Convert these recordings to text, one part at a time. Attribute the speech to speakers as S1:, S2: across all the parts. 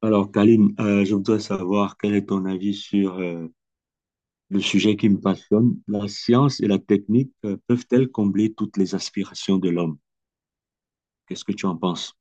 S1: Alors, Kaline, je voudrais savoir quel est ton avis sur le sujet qui me passionne. La science et la technique peuvent-elles combler toutes les aspirations de l'homme? Qu'est-ce que tu en penses?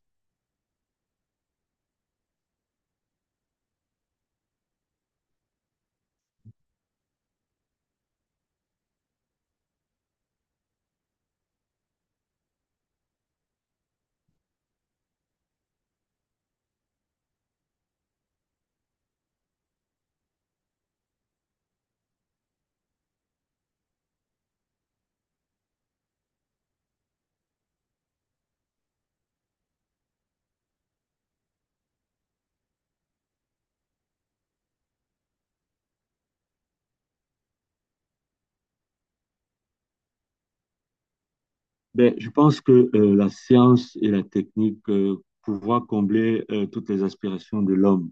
S1: Ben, je pense que la science et la technique pouvoir combler toutes les aspirations de l'homme,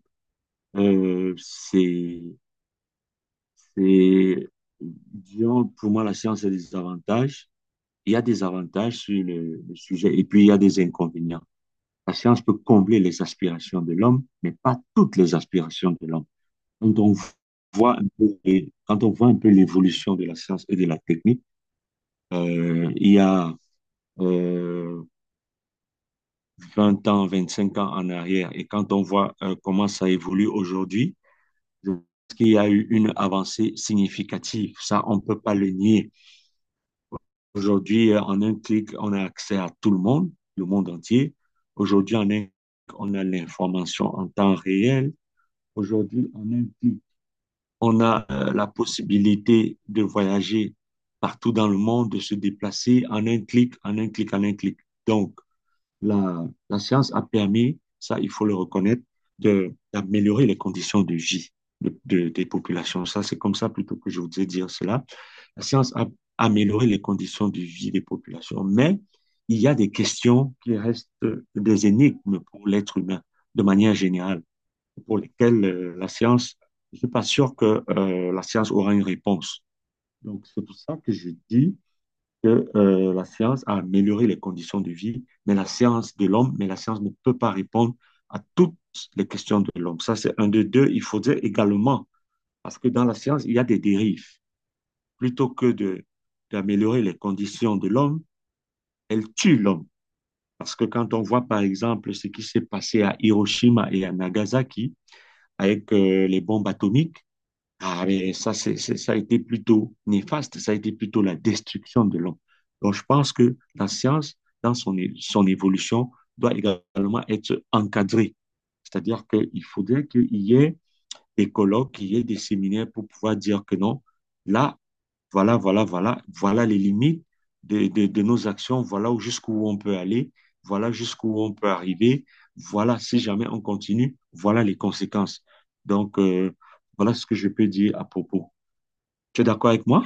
S1: euh, c'est, c'est, disons, pour moi, la science a des avantages. Il y a des avantages sur le sujet et puis il y a des inconvénients. La science peut combler les aspirations de l'homme, mais pas toutes les aspirations de l'homme. Quand on voit un peu, quand on voit un peu l'évolution de la science et de la technique, il y a euh, 20 ans, 5 ans en arrière, et quand on voit comment ça évolue aujourd'hui, je pense qu'il y a eu une avancée significative. Ça, on ne peut pas le nier. Aujourd'hui, en un clic, on a accès à tout le monde entier. Aujourd'hui, en un clic, on a l'information en temps réel. Aujourd'hui, en un clic, on a la possibilité de voyager partout dans le monde, de se déplacer en un clic, en un clic, en un clic. Donc, la science a permis, ça il faut le reconnaître, d'améliorer les conditions de vie des populations. Ça, c'est comme ça plutôt que je voudrais dire cela. La science a amélioré les conditions de vie des populations, mais il y a des questions qui restent des énigmes pour l'être humain de manière générale pour lesquels la science, je ne suis pas sûr que la science aura une réponse. Donc, c'est pour ça que je dis que la science a amélioré les conditions de vie, mais la science ne peut pas répondre à toutes les questions de l'homme. Ça, c'est un de deux. Il faudrait également, parce que dans la science, il y a des dérives. Plutôt que d'améliorer les conditions de l'homme, elle tue l'homme. Parce que quand on voit, par exemple, ce qui s'est passé à Hiroshima et à Nagasaki avec les bombes atomiques. Ah, mais ça, ça a été plutôt néfaste, ça a été plutôt la destruction de l'homme. Donc, je pense que la science, dans son évolution, doit également être encadrée. C'est-à-dire qu'il faudrait qu'il y ait des colloques, qu'il y ait des séminaires pour pouvoir dire que non, là, voilà, voilà, voilà, voilà les limites de nos actions, voilà jusqu'où on peut aller, voilà jusqu'où on peut arriver, voilà si jamais on continue, voilà les conséquences. Donc, voilà ce que je peux dire à propos. Tu es d'accord avec moi?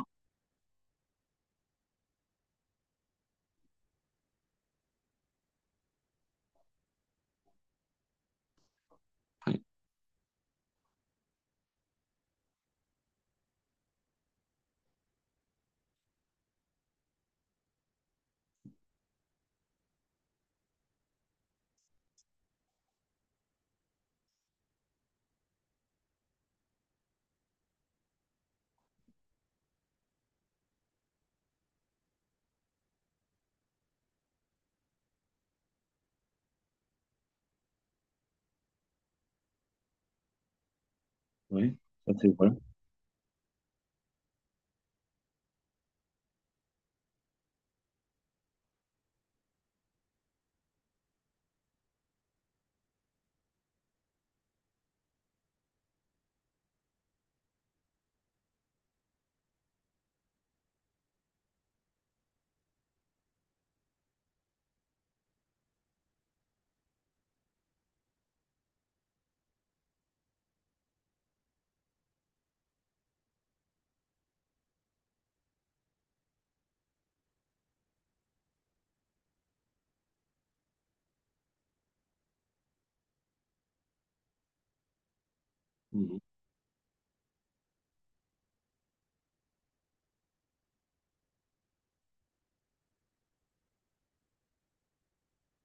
S1: Oui, oui, ça c'est vrai. Mhm.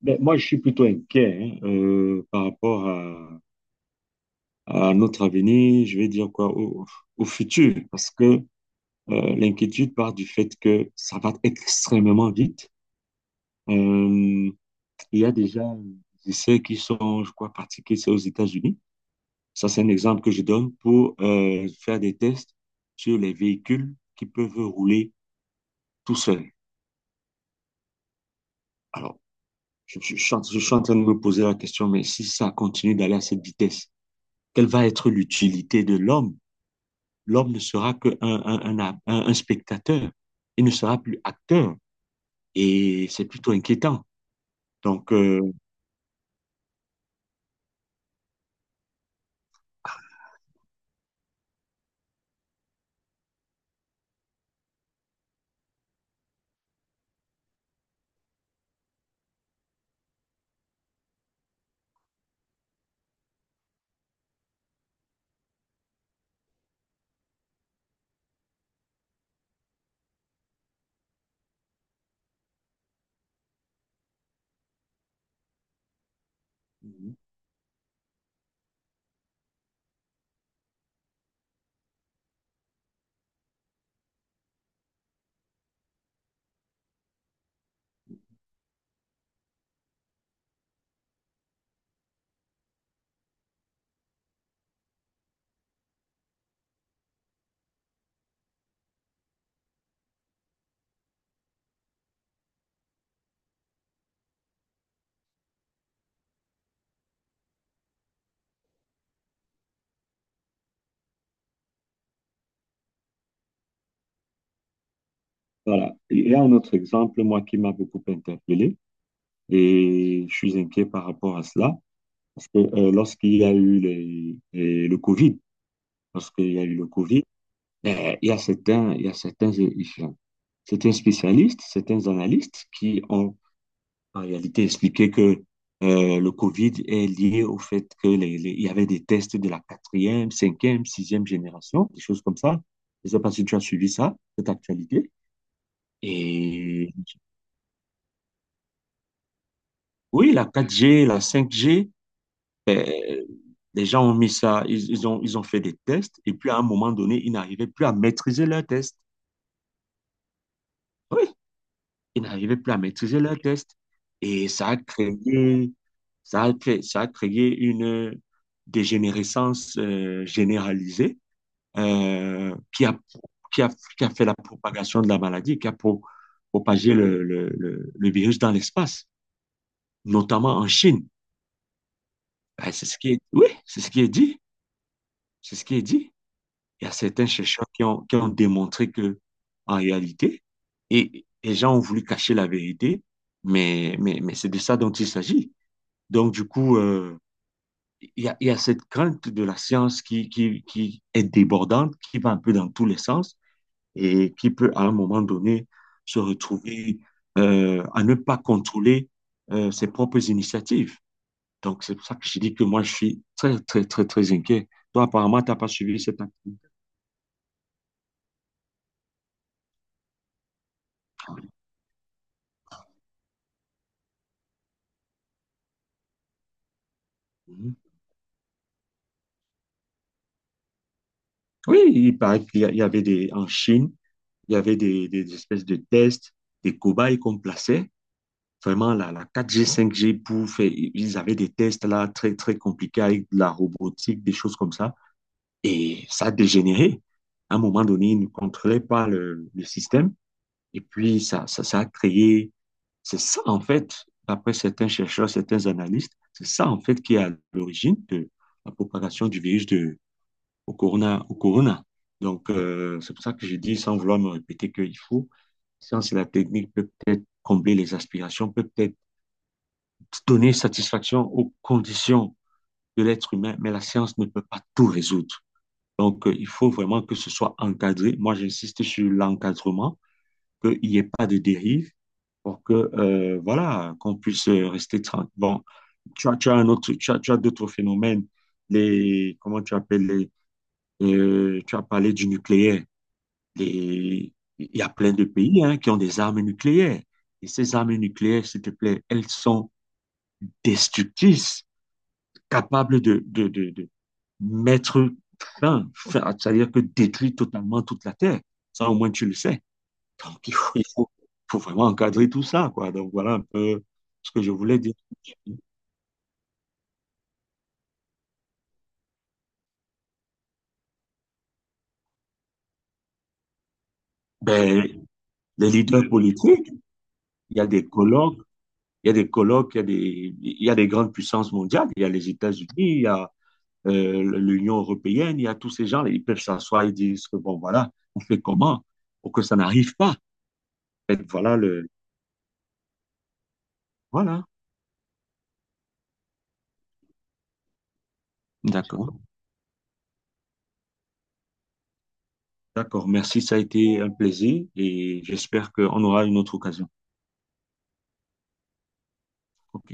S1: Ben, moi, je suis plutôt inquiet hein, par rapport à notre avenir, je vais dire quoi, au futur, parce que l'inquiétude part du fait que ça va extrêmement vite. Euh, Il y a déjà des essais qui sont, je crois, pratiqués, c'est aux États-Unis. Ça, c'est un exemple que je donne pour faire des tests sur les véhicules qui peuvent rouler tout seuls. Alors, je suis en train de me poser la question, mais si ça continue d'aller à cette vitesse, quelle va être l'utilité de l'homme. L'homme ne sera qu'un un spectateur, il ne sera plus acteur, et c'est plutôt inquiétant. Donc, voilà. Il y a un autre exemple, moi, qui m'a beaucoup interpellé. Et je suis inquiet par rapport à cela, parce que lorsqu'il y a eu lorsqu'il y a eu le Covid, il y a certains, il y a certains, certains spécialistes, certains analystes qui ont en réalité expliqué que le Covid est lié au fait que il y avait des tests de la quatrième, cinquième, sixième génération, des choses comme ça. Je ne sais pas si tu as suivi ça, cette actualité. Et oui, la 4G, la 5G, euh, les gens ont mis ça, ils ont fait des tests, et puis à un moment donné, ils n'arrivaient plus à maîtriser leurs tests. Oui, ils n'arrivaient plus à maîtriser leurs tests. Et ça a créé une dégénérescence généralisée euh, qui a, qui a, qui a fait la propagation de la maladie, qui a propagé le virus dans l'espace, notamment en Chine. Ben, c'est ce qui est, oui, c'est ce qui est dit. C'est ce qui est dit. Il y a certains chercheurs qui ont démontré que, en réalité, et les gens ont voulu cacher la vérité, mais c'est de ça dont il s'agit. Donc, du coup, il y a cette crainte de la science qui est débordante, qui va un peu dans tous les sens et qui peut, à un moment donné, se retrouver à ne pas contrôler ses propres initiatives. Donc, c'est pour ça que je dis que moi, je suis très, très, très, très inquiet. Toi, apparemment, tu n'as pas suivi cette activité. Oui, il paraît qu'il y avait des, en Chine, il y avait des espèces de tests, des cobayes qu'on plaçait. Vraiment, la 4G 5G pour faire, ils avaient des tests là très, très compliqués avec de la robotique, des choses comme ça. Et ça a dégénéré. À un moment donné, ils ne contrôlaient pas le système. Et puis, ça a créé. C'est ça, en fait, d'après certains chercheurs, certains analystes, c'est ça, en fait, qui est à l'origine de la propagation du virus de au Corona. Donc, c'est pour ça que je dis, sans vouloir me répéter, qu'il faut, science et la technique peut peut-être combler les aspirations, peut peut-être donner satisfaction aux conditions de l'être humain, mais la science ne peut pas tout résoudre. Donc, il faut vraiment que ce soit encadré. Moi, j'insiste sur l'encadrement, qu'il n'y ait pas de dérive pour que, voilà, qu'on puisse rester tranquille. Bon, tu as un autre, tu as d'autres phénomènes, les, comment tu appelles les, tu as parlé du nucléaire. les- il y a plein de pays hein, qui ont des armes nucléaires. Et ces armes nucléaires, s'il te plaît, elles sont destructrices, capables de mettre fin, c'est-à-dire que détruire totalement toute la Terre. Ça, au moins, tu le sais. Donc, faut vraiment encadrer tout ça, quoi. Donc, voilà un peu ce que je voulais dire. Ben, les leaders politiques, il y a des colloques, il y a des grandes puissances mondiales, il y a les États-Unis, il y a, l'Union européenne, il y a tous ces gens, ils peuvent s'asseoir et dire, bon, voilà, on fait comment pour que ça n'arrive pas. En fait, voilà. D'accord, d'accord. Merci, ça a été un plaisir et j'espère qu'on aura une autre occasion. Ok.